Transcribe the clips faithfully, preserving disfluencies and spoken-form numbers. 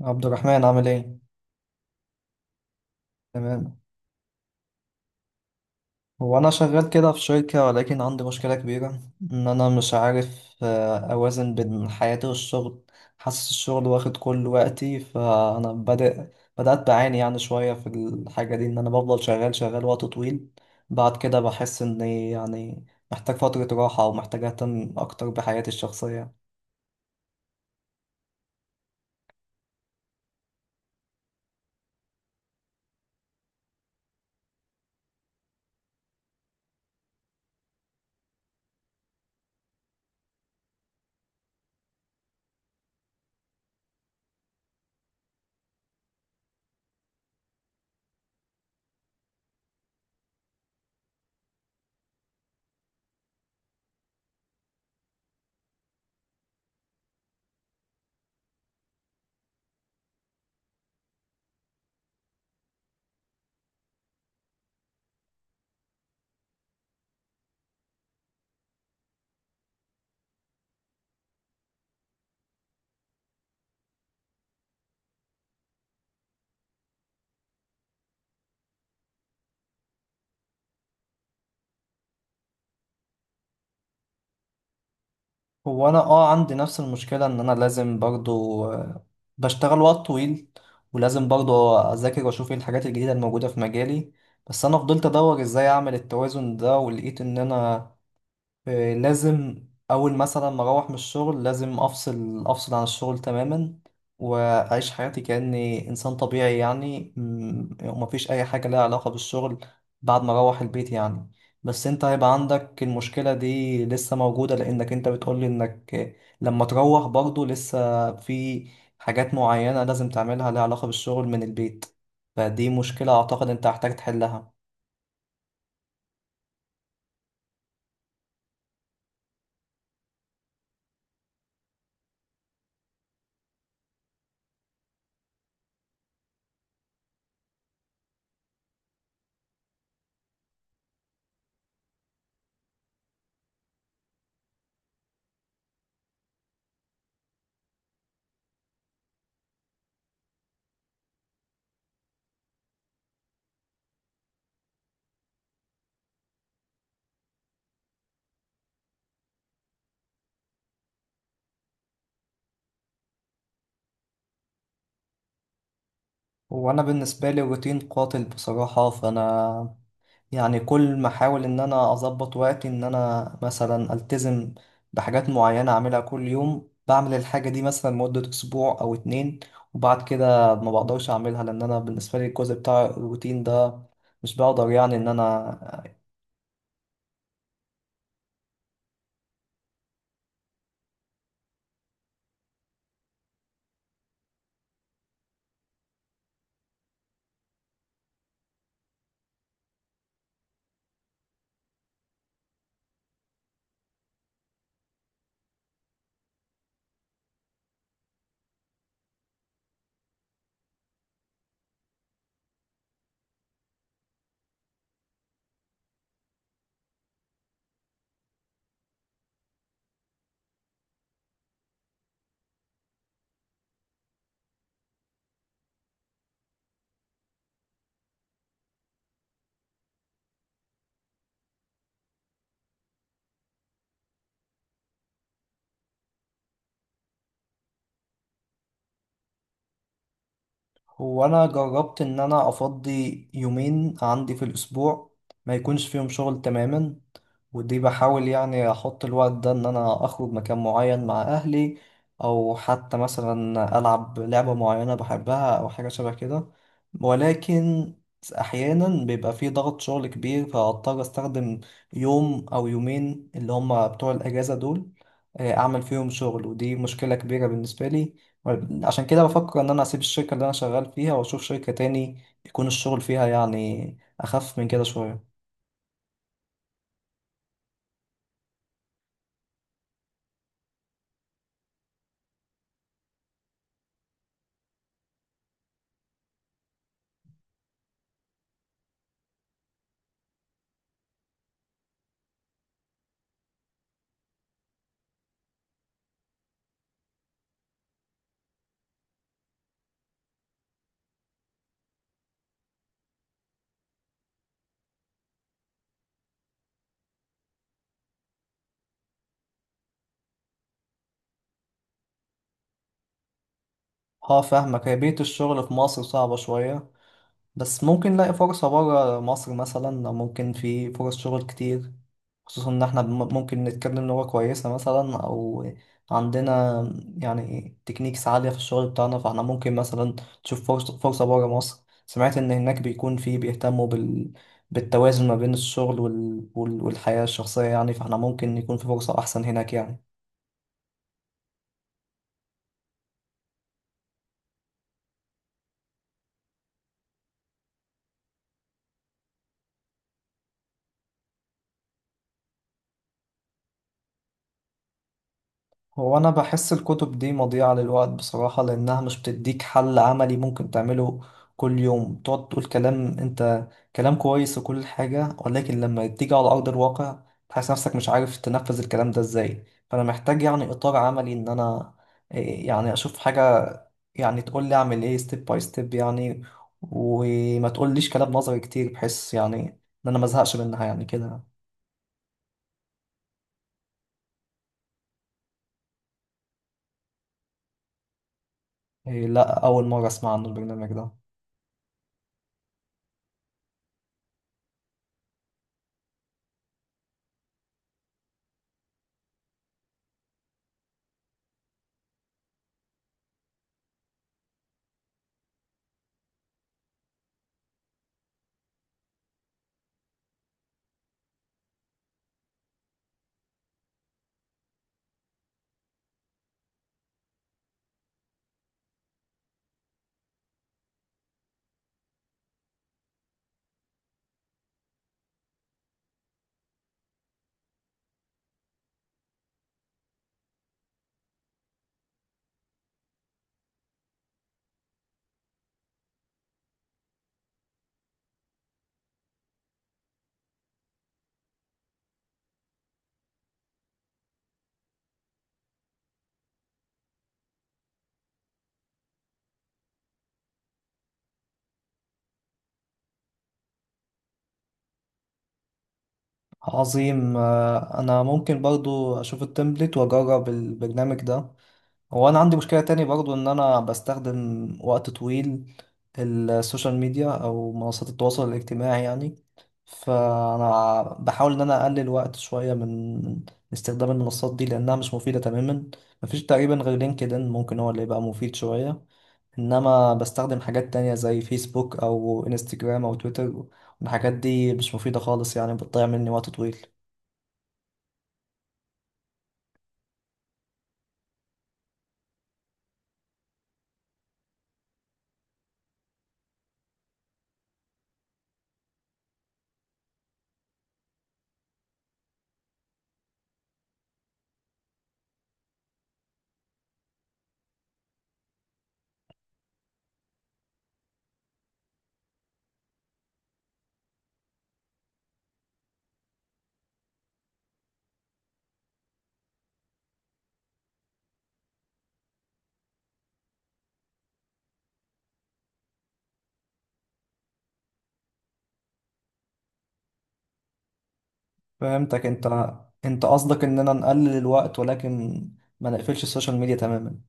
عبد الرحمن عامل ايه؟ تمام. هو انا شغال كده في شركة، ولكن عندي مشكلة كبيرة ان انا مش عارف آه، اوازن بين حياتي والشغل. حاسس الشغل واخد كل وقتي، فانا بدأ بدأت بعاني يعني شوية في الحاجة دي، ان انا بفضل شغال شغال وقت طويل. بعد كده بحس اني يعني محتاج فترة راحة، او محتاج اهتم اكتر بحياتي الشخصية. هو انا اه عندي نفس المشكله، ان انا لازم برضو آه، بشتغل وقت طويل، ولازم برضو اذاكر واشوف ايه الحاجات الجديده الموجوده في مجالي. بس انا فضلت ادور ازاي اعمل التوازن ده، ولقيت ان انا آه، لازم اول مثلا ما اروح من الشغل لازم افصل افصل عن الشغل تماما، واعيش حياتي كاني انسان طبيعي يعني م- ومفيش اي حاجه لها علاقه بالشغل بعد ما اروح البيت يعني. بس انت هيبقى عندك المشكله دي لسه موجوده، لانك انت بتقولي انك آه، لما تروح برضو لسه في حاجات معينه لازم تعملها لها علاقه بالشغل من البيت، فدي مشكله اعتقد انت هتحتاج تحلها. وانا بالنسبه لي الروتين قاتل بصراحه، فانا يعني كل ما احاول ان انا اظبط وقتي ان انا مثلا التزم بحاجات معينة اعملها كل يوم، بعمل الحاجة دي مثلا مدة اسبوع او اتنين، وبعد كده ما بقدرش اعملها، لان انا بالنسبة لي الجزء بتاع الروتين ده مش بقدر يعني ان انا. هو انا جربت ان انا افضي يومين عندي في الاسبوع ما يكونش فيهم شغل تماما، ودي بحاول يعني احط الوقت ده ان انا اخرج مكان معين مع اهلي، او حتى مثلا العب لعبة معينة بحبها او حاجة شبه كده. ولكن احيانا بيبقى في ضغط شغل كبير، فاضطر استخدم يوم او يومين اللي هم بتوع الاجازة دول آه، اعمل فيهم شغل، ودي مشكلة كبيرة بالنسبة لي. عشان كده بفكر ان انا اسيب الشركة اللي انا شغال فيها واشوف شركة تاني يكون الشغل فيها يعني اخف من كده شوية. اه فاهمك، هي بيئة الشغل في مصر صعبة شوية، بس ممكن نلاقي فرصة برا مصر مثلا، أو ممكن في فرص شغل كتير، خصوصا إن إحنا بم- ممكن نتكلم لغة كويسة مثلا، أو عندنا يعني تكنيكس عالية في الشغل بتاعنا، فإحنا ممكن مثلا نشوف فرصة فرصة برا مصر. سمعت إن هناك بيكون في بيهتموا بال... بالتوازن ما بين الشغل وال... وال... والحياة الشخصية يعني، فإحنا ممكن يكون في فرصة أحسن هناك يعني. هو أنا بحس الكتب دي مضيعة للوقت بصراحة، لأنها مش بتديك حل عملي ممكن تعمله كل يوم. تقعد تقول كلام، أنت كلام كويس وكل حاجة، ولكن لما تيجي على أرض الواقع تحس نفسك مش عارف تنفذ الكلام ده إزاي. فأنا محتاج يعني إطار عملي إن أنا إيه، يعني أشوف حاجة يعني تقول لي أعمل إيه، ستيب باي ستيب يعني، وما تقوليش كلام نظري كتير، بحيث يعني إن أنا مزهقش منها يعني كده. إيه، لا، أول مرة أسمع عن البرنامج ده. عظيم. آه، انا ممكن برضو اشوف التمبلت واجرب البرنامج ده. هو انا عندي مشكلة تاني برضو، ان انا بستخدم وقت طويل السوشيال ميديا او منصات التواصل الاجتماعي يعني، فانا بحاول ان انا اقلل وقت شوية من استخدام المنصات دي، لانها مش مفيدة تماما. مفيش تقريبا غير لينكدين ممكن هو اللي يبقى مفيد شوية، انما بستخدم حاجات تانية زي فيسبوك او انستجرام او تويتر، والحاجات دي مش مفيدة خالص يعني بتضيع مني وقت طويل. فهمتك. انت انت قصدك اننا نقلل الوقت، ولكن ما نقفلش السوشيال ميديا تماما.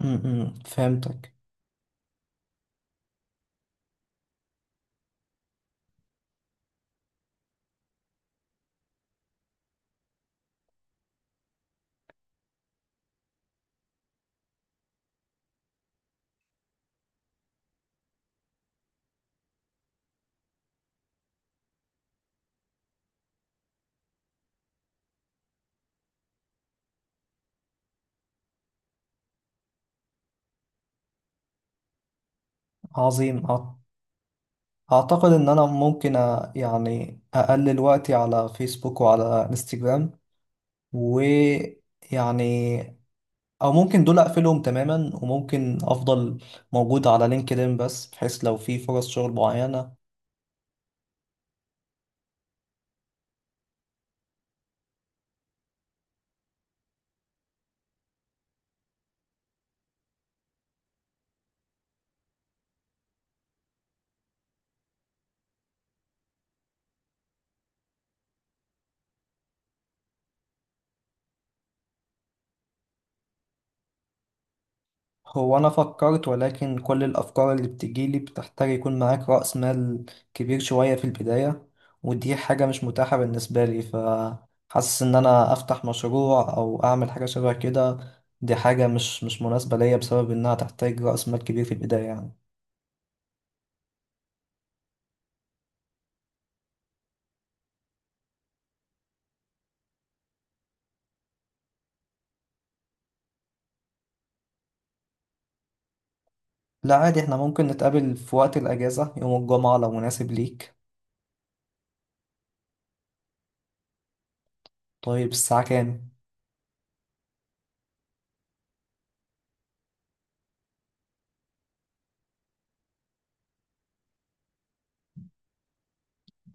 امم فهمتك. عظيم. أع- اعتقد ان انا ممكن أ- يعني اقلل وقتي على فيسبوك وعلى انستجرام، ويعني او ممكن دول اقفلهم تماما، وممكن افضل موجود على لينكدين بس، بحيث لو في فرص شغل معينة. هو أنا فكرت، ولكن كل الأفكار اللي بتجيلي بتحتاج يكون معاك رأس مال كبير شوية في البداية، ودي حاجة مش متاحة بالنسبة لي، فحاسس إن أنا أفتح مشروع أو أعمل حاجة شبه كده دي حاجة مش مش مناسبة ليا بسبب إنها تحتاج رأس مال كبير في البداية يعني. لا عادي، إحنا ممكن نتقابل في وقت الأجازة يوم الجمعة لو مناسب ليك. طيب الساعة كام؟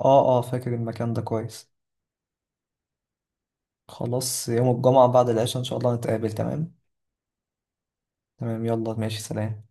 آه آه، فاكر المكان ده كويس. خلاص يوم الجمعة بعد العشاء إن شاء الله نتقابل، تمام؟ تمام يلا ماشي، سلام.